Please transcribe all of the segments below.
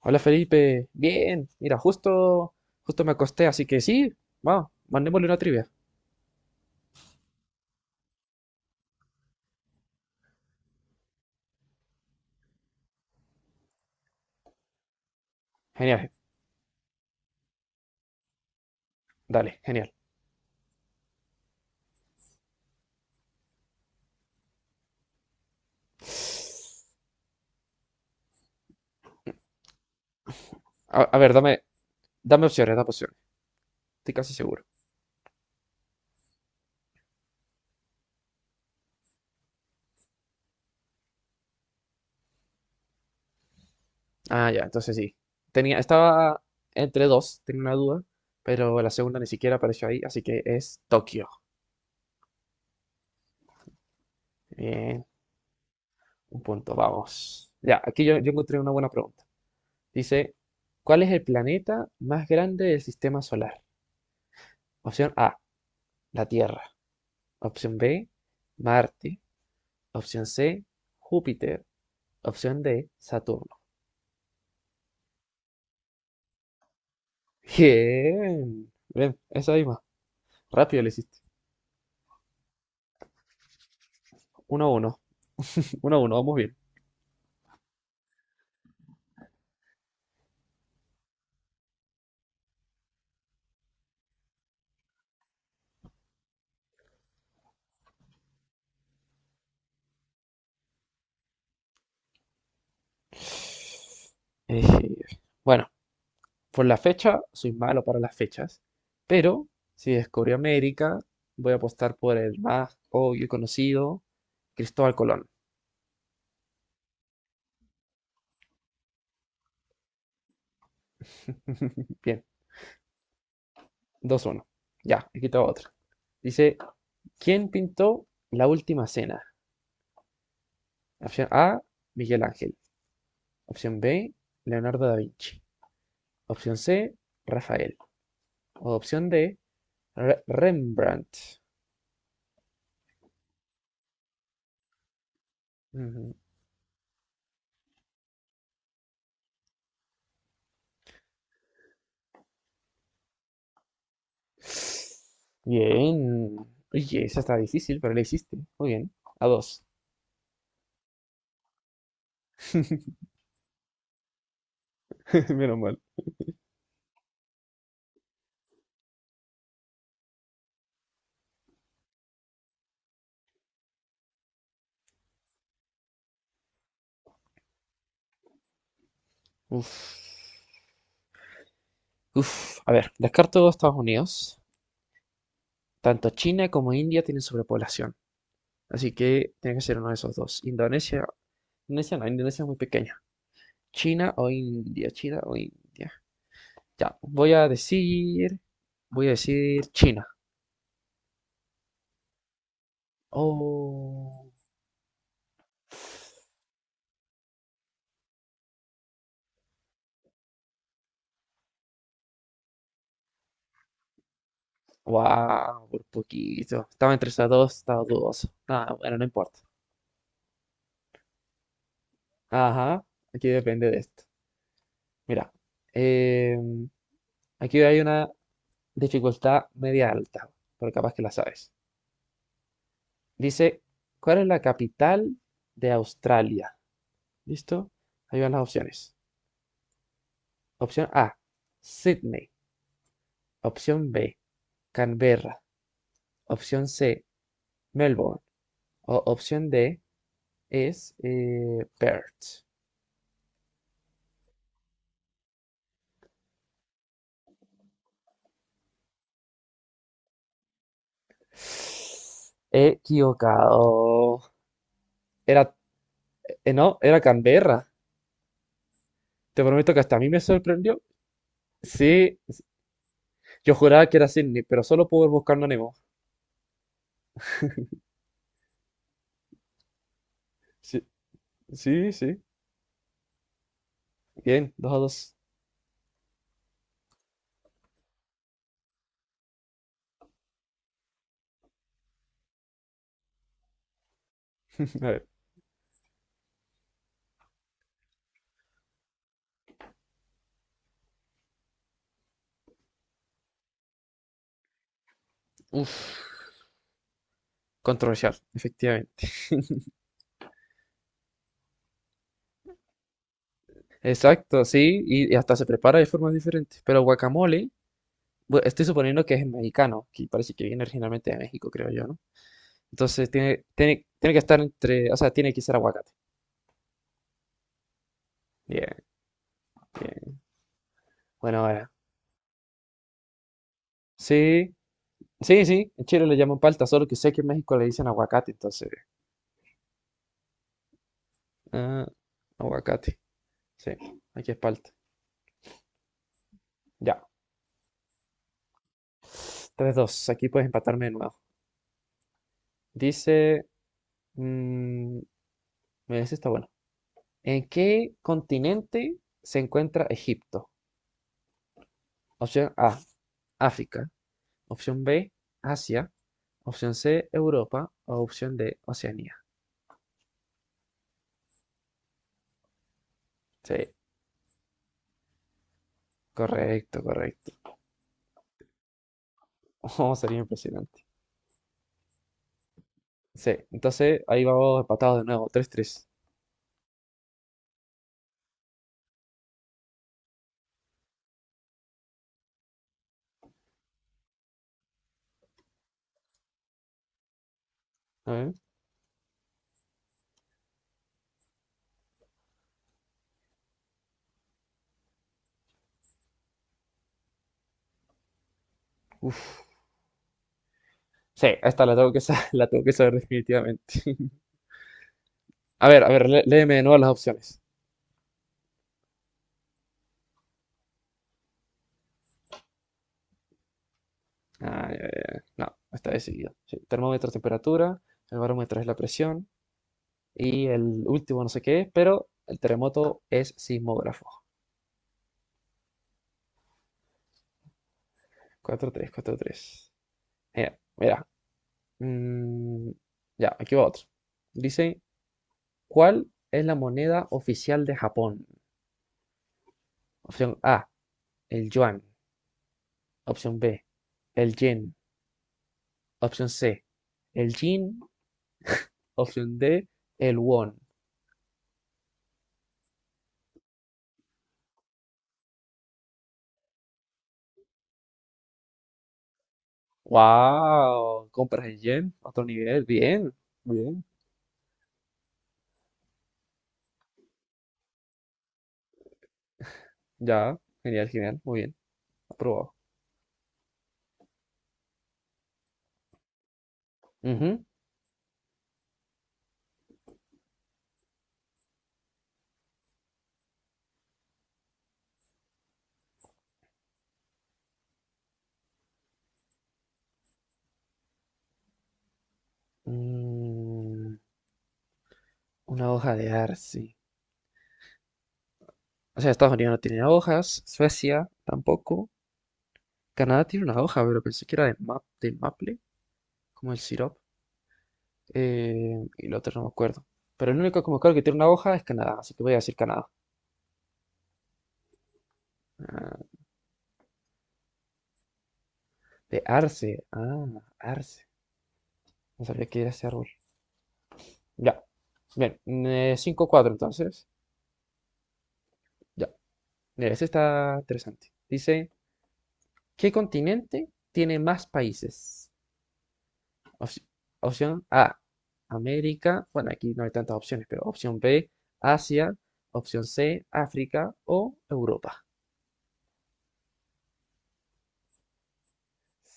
Hola Felipe, bien, mira, justo me acosté, así que sí, vamos, mandémosle una trivia. Genial, dale, genial. A ver, dame opciones, estoy casi seguro. Ah, ya, entonces sí. Estaba entre dos, tenía una duda, pero la segunda ni siquiera apareció ahí, así que es Tokio. Bien, un punto, vamos. Ya, aquí yo encontré una buena pregunta. Dice, ¿cuál es el planeta más grande del sistema solar? Opción A, la Tierra. Opción B, Marte. Opción C, Júpiter. Opción D, Saturno. Bien. Bien, esa misma. Rápido le hiciste. 1-1, 1 uno, vamos bien. Eh, bueno, por la fecha, soy malo para las fechas. Pero si descubrí América, voy a apostar por el más obvio y conocido, Cristóbal Colón. Bien, 2-1. Ya, aquí tengo otra. Dice, ¿quién pintó la última cena? Opción A, Miguel Ángel. Opción B, Leonardo da Vinci. Opción C, Rafael. O opción D, Rembrandt. Ujú. Bien. Oye, esa está difícil, pero la hiciste. Muy bien. A dos. Menos mal. Uf. Uf. A ver, descarto Estados Unidos. Tanto China como India tienen sobrepoblación. Así que tiene que ser uno de esos dos. Indonesia. Indonesia no, Indonesia es muy pequeña. China o India, China o India. Ya, voy a decir China. Oh, wow, por poquito. Estaba entre esas dos, estaba dudoso. Ah, bueno, no importa. Ajá, aquí depende de esto. Mira, em, aquí hay una dificultad media alta, pero capaz que la sabes. Dice, ¿cuál es la capital de Australia? ¿Listo? Ahí van las opciones. Opción A, Sydney. Opción B, Canberra. Opción C, Melbourne. Opción D es Perth. Equivocado. Era, no, era Canberra. Te prometo que hasta a mí me sorprendió. Sí, yo juraba que era Sydney, pero solo pude ir buscando a Nemo. Sí, sí, sí. Bien, 2-2. A ver. Uf, controversial, efectivamente. Exacto, sí, y hasta se prepara de formas diferentes. Pero guacamole, estoy suponiendo que es mexicano, que parece que viene originalmente de México, creo yo, ¿no? Entonces tiene que estar entre, o sea, tiene que ser aguacate. Bien, bien. Bueno, ahora. Sí, sí, sí. En Chile le llaman palta, solo que sé que en México le dicen aguacate, entonces. Ah, aguacate. Sí, aquí es palta. Ya. Tres dos. Aquí puedes empatarme de nuevo. Dice. mm, mira, ese está bueno. ¿En qué continente se encuentra Egipto? Opción A, África. Opción B, Asia. Opción C, Europa. O opción D, Oceanía. Sí, correcto, correcto. Oh, sería impresionante. Sí, entonces ahí vamos empatados de nuevo, 3-3. A ver. Uf. Sí, esta la tengo que saber, la tengo que saber definitivamente. A ver, léeme de nuevo las opciones. Ah, ya, ya, ya. No, está decidido. Sí, termómetro, es temperatura, el barómetro es la presión y el último no sé qué es, pero el terremoto es sismógrafo. 4-3, 4-3. Mira, mira. Mm, ya, aquí va otro. Dice, ¿cuál es la moneda oficial de Japón? Opción A, el yuan. Opción B, el yen. Opción C, el yin. Opción D, el won. ¡Wow! Compras en yen, otro nivel. Bien, bien. Ya, genial, genial. Muy bien, aprobado. Ujú. Mm, una hoja de arce. O sea, Estados Unidos no tiene hojas, Suecia tampoco. Canadá tiene una hoja, pero pensé que era de maple, como el sirope. Y el otro no me acuerdo. Pero el único que me acuerdo que tiene una hoja es Canadá, así que voy a decir Canadá. Ah, de arce, ah, arce. No sabía que era ese árbol. Ya, bien, 5-4 entonces. Ya, mira, este está interesante. Dice, ¿qué continente tiene más países? Opci- opción A, América. Bueno, aquí no hay tantas opciones, pero opción B, Asia. Opción C, África o Europa.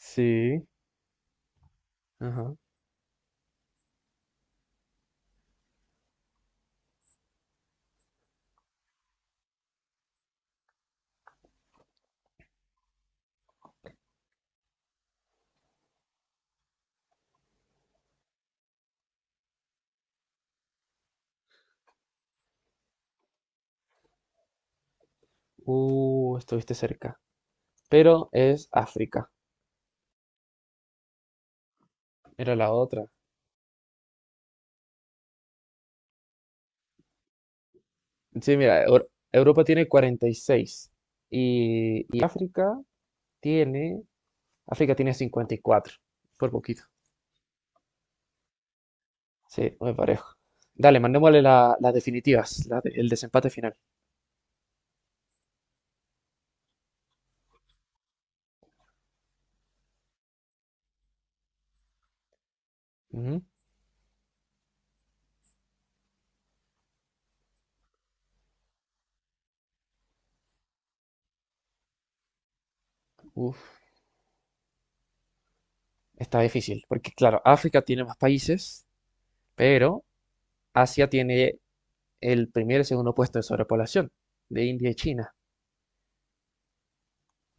Sí. Ajá. Estuviste cerca, pero es África. Era la otra. Sí, mira, Europa tiene 46 y tiene, África tiene, 54 por poquito. Sí, muy parejo. Dale, mandémosle las definitivas, el desempate final. Ujú. Uf, está difícil, porque claro, África tiene más países, pero Asia tiene el primer y segundo puesto de sobrepoblación, de India y China.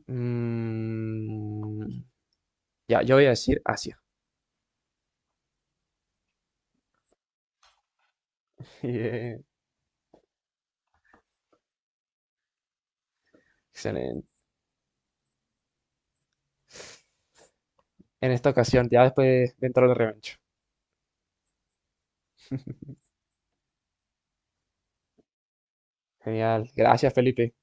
Mm, ya, yo voy a decir Asia. Bien, excelente. En esta ocasión, ya después dentro de la revancha. Genial, gracias Felipe.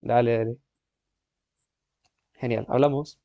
Dale, dale. Genial, hablamos.